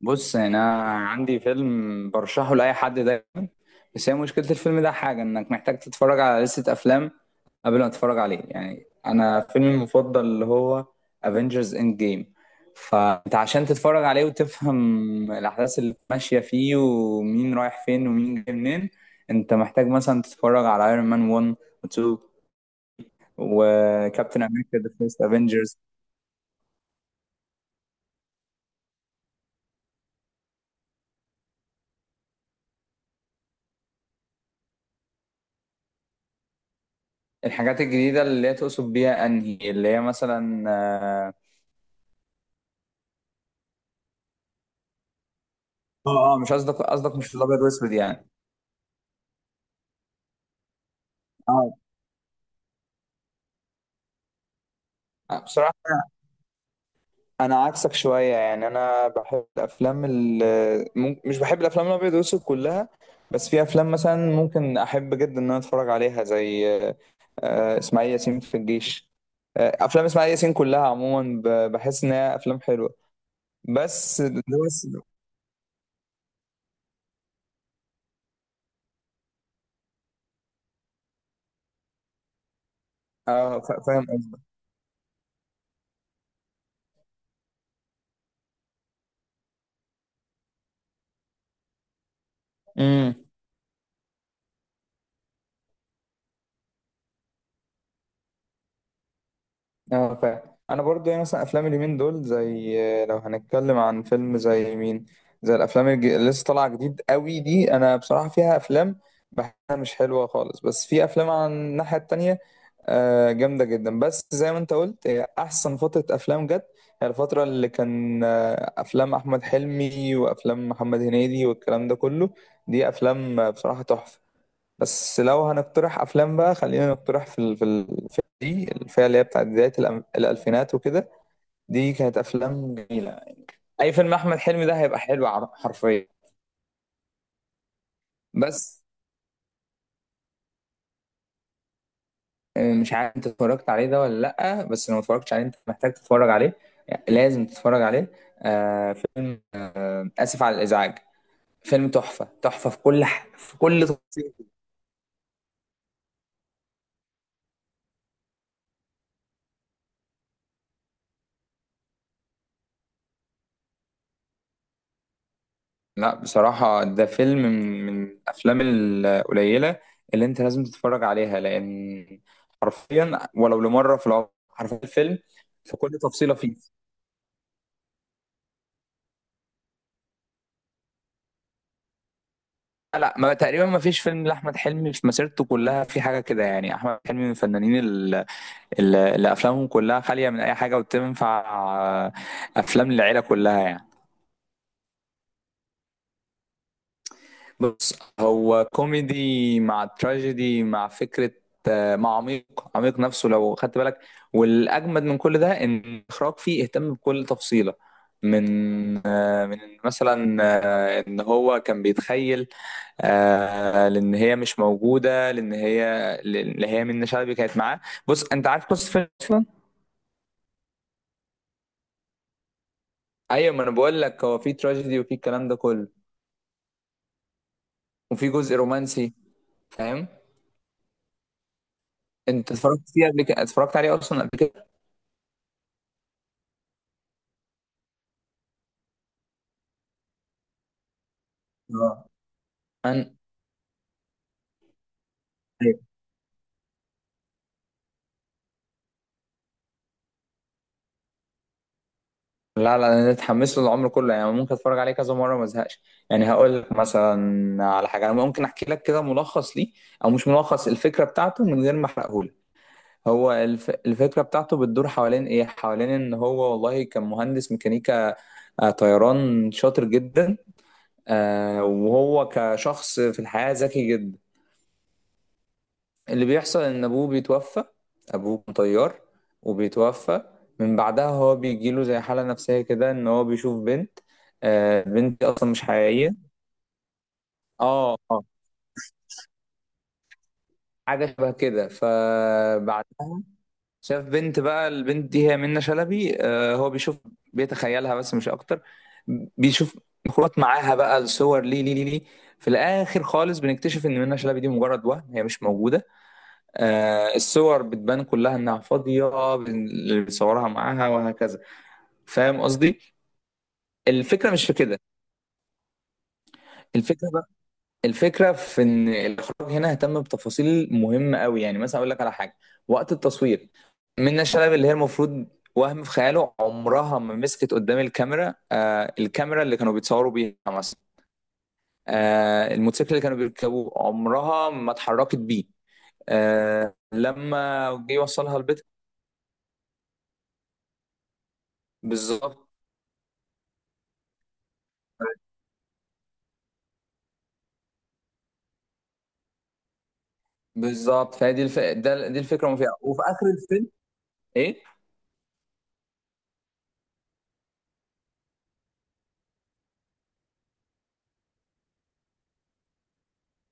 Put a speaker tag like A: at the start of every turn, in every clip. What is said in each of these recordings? A: بص، يعني انا عندي فيلم برشحه لاي حد دايما. بس هي مشكله الفيلم ده حاجه، انك محتاج تتفرج على لستة افلام قبل ما تتفرج عليه. يعني انا فيلمي المفضل اللي هو افنجرز اند جيم، فانت عشان تتفرج عليه وتفهم الاحداث اللي ماشيه فيه ومين رايح فين ومين جاي منين، انت محتاج مثلا تتفرج على ايرون مان 1 و 2 وكابتن امريكا ذا فيرست افنجرز. الحاجات الجديده اللي هي تقصد بيها انهي؟ اللي هي مثلا اه اه، مش قصدك قصدك مش الابيض واسود يعني؟ اه بصراحه أنا عكسك شويه. يعني انا بحب الافلام مش بحب الافلام الابيض واسود كلها، بس في افلام مثلا ممكن احب جدا ان انا اتفرج عليها، زي اسماعيل ياسين في الجيش. افلام اسماعيل ياسين كلها عموما بحس انها افلام حلوه، بس ده بس. اه فاهم قصدك. امم. اه فاهم. انا برضو يعني مثلا افلام اليومين دول، زي لو هنتكلم عن فيلم زي مين، زي الافلام اللي لسه طالعه جديد قوي دي، انا بصراحه فيها افلام بحسها مش حلوه خالص، بس في افلام عن الناحيه التانية جامده جدا. بس زي ما انت قلت، هي احسن فتره افلام جت هي الفتره اللي كان افلام احمد حلمي وافلام محمد هنيدي والكلام ده كله. دي افلام بصراحه تحفه. بس لو هنقترح افلام بقى، خلينا نقترح في في الفئه دي، الفئه اللي هي بتاعت بدايه الالفينات وكده. دي كانت افلام جميله. اي فيلم احمد حلمي ده هيبقى حلو، حرفيا. بس مش عارف انت اتفرجت عليه ده ولا لا، بس لو ما اتفرجتش عليه انت محتاج تتفرج عليه. يعني لازم تتفرج عليه. فيلم اسف على الازعاج، فيلم تحفه تحفه في كل في كل تفصيله. لا بصراحة، ده فيلم من الأفلام القليلة اللي أنت لازم تتفرج عليها، لأن حرفيا، ولو لمرة في العمر، حرفيا الفيلم في كل تفصيلة فيه. لا لا، ما تقريبا ما فيش فيلم لأحمد حلمي في مسيرته كلها في حاجة كده. يعني أحمد حلمي من الفنانين اللي أفلامهم كلها خالية من أي حاجة، وتنفع آه، أفلام للعيلة كلها يعني. بص، هو كوميدي مع تراجيدي مع فكرة مع عميق. عميق نفسه لو خدت بالك. والأجمد من كل ده إن الإخراج فيه اهتم بكل تفصيلة، من آه، من مثلا إن هو كان بيتخيل، لأن هي مش موجودة، لأن هي منة شلبي كانت معاه. بص، أنت عارف قصة فيلم أصلا؟ أيوة، ما أنا بقول لك، هو في تراجيدي وفي الكلام ده كله، وفي جزء رومانسي، فاهم؟ أنت اتفرجت فيه قبل كده اتفرجت عليه أصلا قبل كده؟ آه. أنا لا لا، انا اتحمس له العمر كله. يعني ممكن اتفرج عليه كذا مره ما ازهقش. يعني هقول لك مثلا على حاجه. انا ممكن احكي لك كده ملخص ليه، او مش ملخص، الفكره بتاعته، من غير ما احرقه لك. هو الفكره بتاعته بتدور حوالين ايه؟ حوالين ان هو والله كان مهندس ميكانيكا طيران شاطر جدا. وهو كشخص في الحياه ذكي جدا. اللي بيحصل ان ابوه بيتوفى. ابوه كان طيار وبيتوفى. من بعدها هو بيجيله زي حالة نفسية كده، ان هو بيشوف بنت، بنت اصلا مش حقيقية. اه اه، حاجة شبه كده. فبعدها شاف بنت، بقى البنت دي هي منة شلبي. هو بيشوف، بيتخيلها بس مش اكتر. بيشوف مخلوقات معاها. بقى الصور ليه ليه ليه ليه. في الاخر خالص بنكتشف ان منة شلبي دي مجرد وهم، هي مش موجودة. الصور بتبان كلها انها فاضيه، اللي بيصورها معاها، وهكذا. فاهم قصدي؟ الفكره مش في كده. الفكره بقى الفكره في ان الاخراج هنا اهتم بتفاصيل مهمه قوي. يعني مثلا اقول لك على حاجه. وقت التصوير، منة شلبي اللي هي المفروض وهم في خياله، عمرها ما مسكت قدام الكاميرا، الكاميرا اللي كانوا بيتصوروا بيها مثلا. الموتوسيكل اللي كانوا بيركبوه عمرها ما اتحركت بيه. لما جه يوصلها البيت. بالظبط. بالظبط، فهي دي دي الفكره المفاجاه. وفي اخر الفيلم، ايه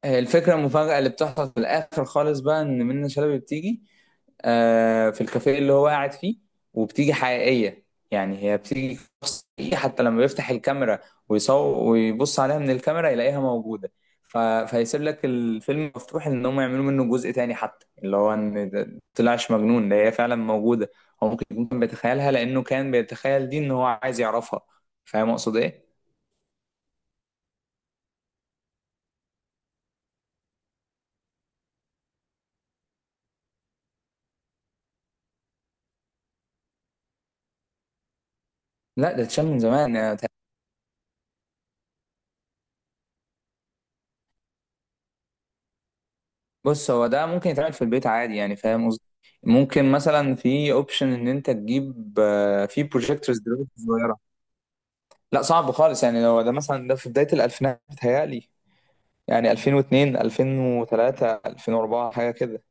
A: الفكره المفاجاه اللي بتحصل في الاخر خالص، بقى ان منة شلبي بتيجي في الكافيه اللي هو قاعد فيه، وبتيجي حقيقيه. يعني هي بتيجي شخص حقيقي، حتى لما بيفتح الكاميرا ويصور ويبص عليها من الكاميرا يلاقيها موجوده. فيسيب لك الفيلم مفتوح ان هم يعملوا منه جزء تاني، حتى اللي هو ان ده طلعش مجنون، ده هي فعلا موجوده. هو ممكن يكون كان بيتخيلها لانه كان بيتخيل دي ان هو عايز يعرفها. فاهم اقصد ايه؟ لا ده اتشال من زمان، يعني بص، هو ده ممكن يتعمل في البيت عادي، يعني فاهم قصدي، ممكن مثلا في اوبشن ان انت تجيب في بروجيكتورز دلوقتي صغيره. لا صعب خالص. يعني لو ده مثلا، ده في بدايه الالفينات بتهيألي، يعني 2002 2003 2004 حاجه كده.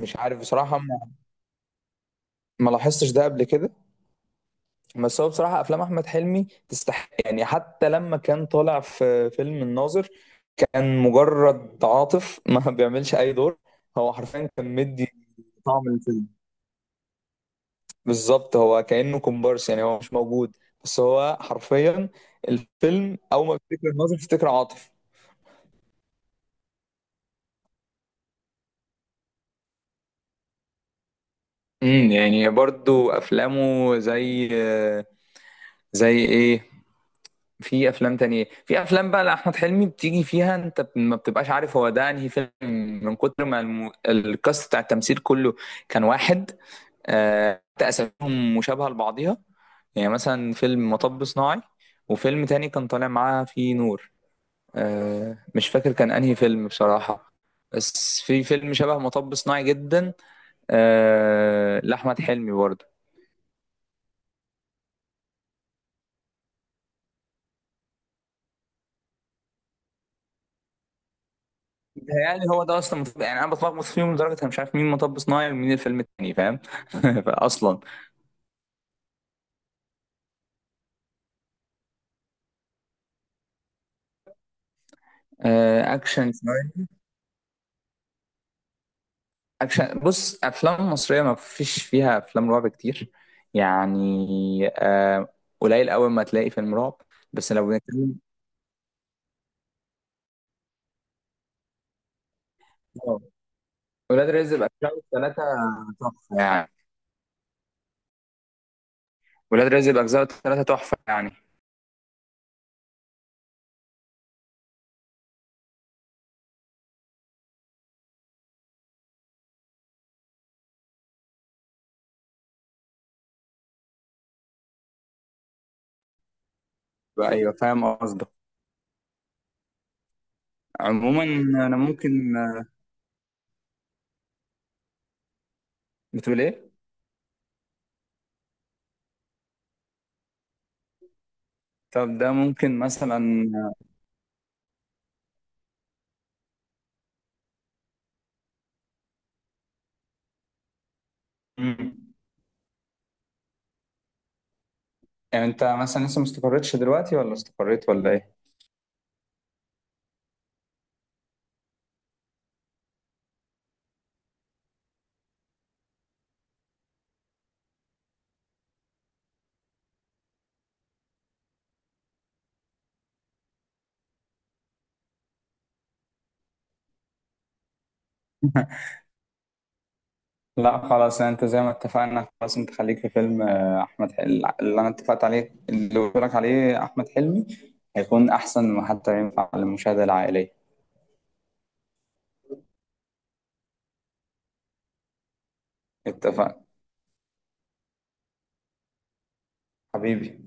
A: مش عارف بصراحه، ما لاحظتش ده قبل كده. بس هو بصراحه افلام احمد حلمي تستحق، يعني حتى لما كان طالع في فيلم الناظر، كان مجرد عاطف، ما بيعملش اي دور. هو حرفيا كان مدي طعم الفيلم. بالظبط، هو كأنه كومبارس، يعني هو مش موجود، بس هو حرفيا الفيلم أول ما بتفتكر الناظر بتفتكر عاطف. يعني برضو أفلامه زي، إيه؟ في أفلام تانية، في أفلام بقى لأحمد حلمي بتيجي فيها أنت ما بتبقاش عارف هو ده أنهي فيلم، من كتر ما الكاست بتاع التمثيل كله كان واحد. حتى أساميهم مشابهة لبعضيها. يعني مثلا فيلم مطب صناعي، وفيلم تاني كان طالع معاه فيه نور، مش فاكر كان انهي فيلم بصراحة. بس في فيلم شبه مطب صناعي جدا لأحمد حلمي برضه. ده يعني، هو ده اصلا يعني انا بتلخبط فيهم لدرجه انا مش عارف مين مطب صناعي ومين الفيلم التاني، فاهم؟ فاصلا اكشن شوية. اكشن، بص افلام مصريه ما فيش فيها افلام رعب كتير، يعني آه، قليل قوي ما تلاقي فيلم رعب. بس لو بنتكلم آه، ولاد رزق اجزاء الثلاثه تحفه يعني. ولاد رزق اجزاء الثلاثه تحفه يعني. ايوه، فاهم قصدك. عموما انا ممكن بتقول ايه؟ طب ده ممكن مثلا. مم. يعني انت مثلا لسه ما استقرتش دلوقتي ولا استقريت ولا ايه؟ لا خلاص، يعني انت زي ما اتفقنا، خلاص انت خليك في فيلم احمد حلمي اللي انا اتفقت عليه، اللي قلت لك عليه. احمد حلمي هيكون احسن، ما حتى ينفع للمشاهده العائليه. اتفقنا حبيبي.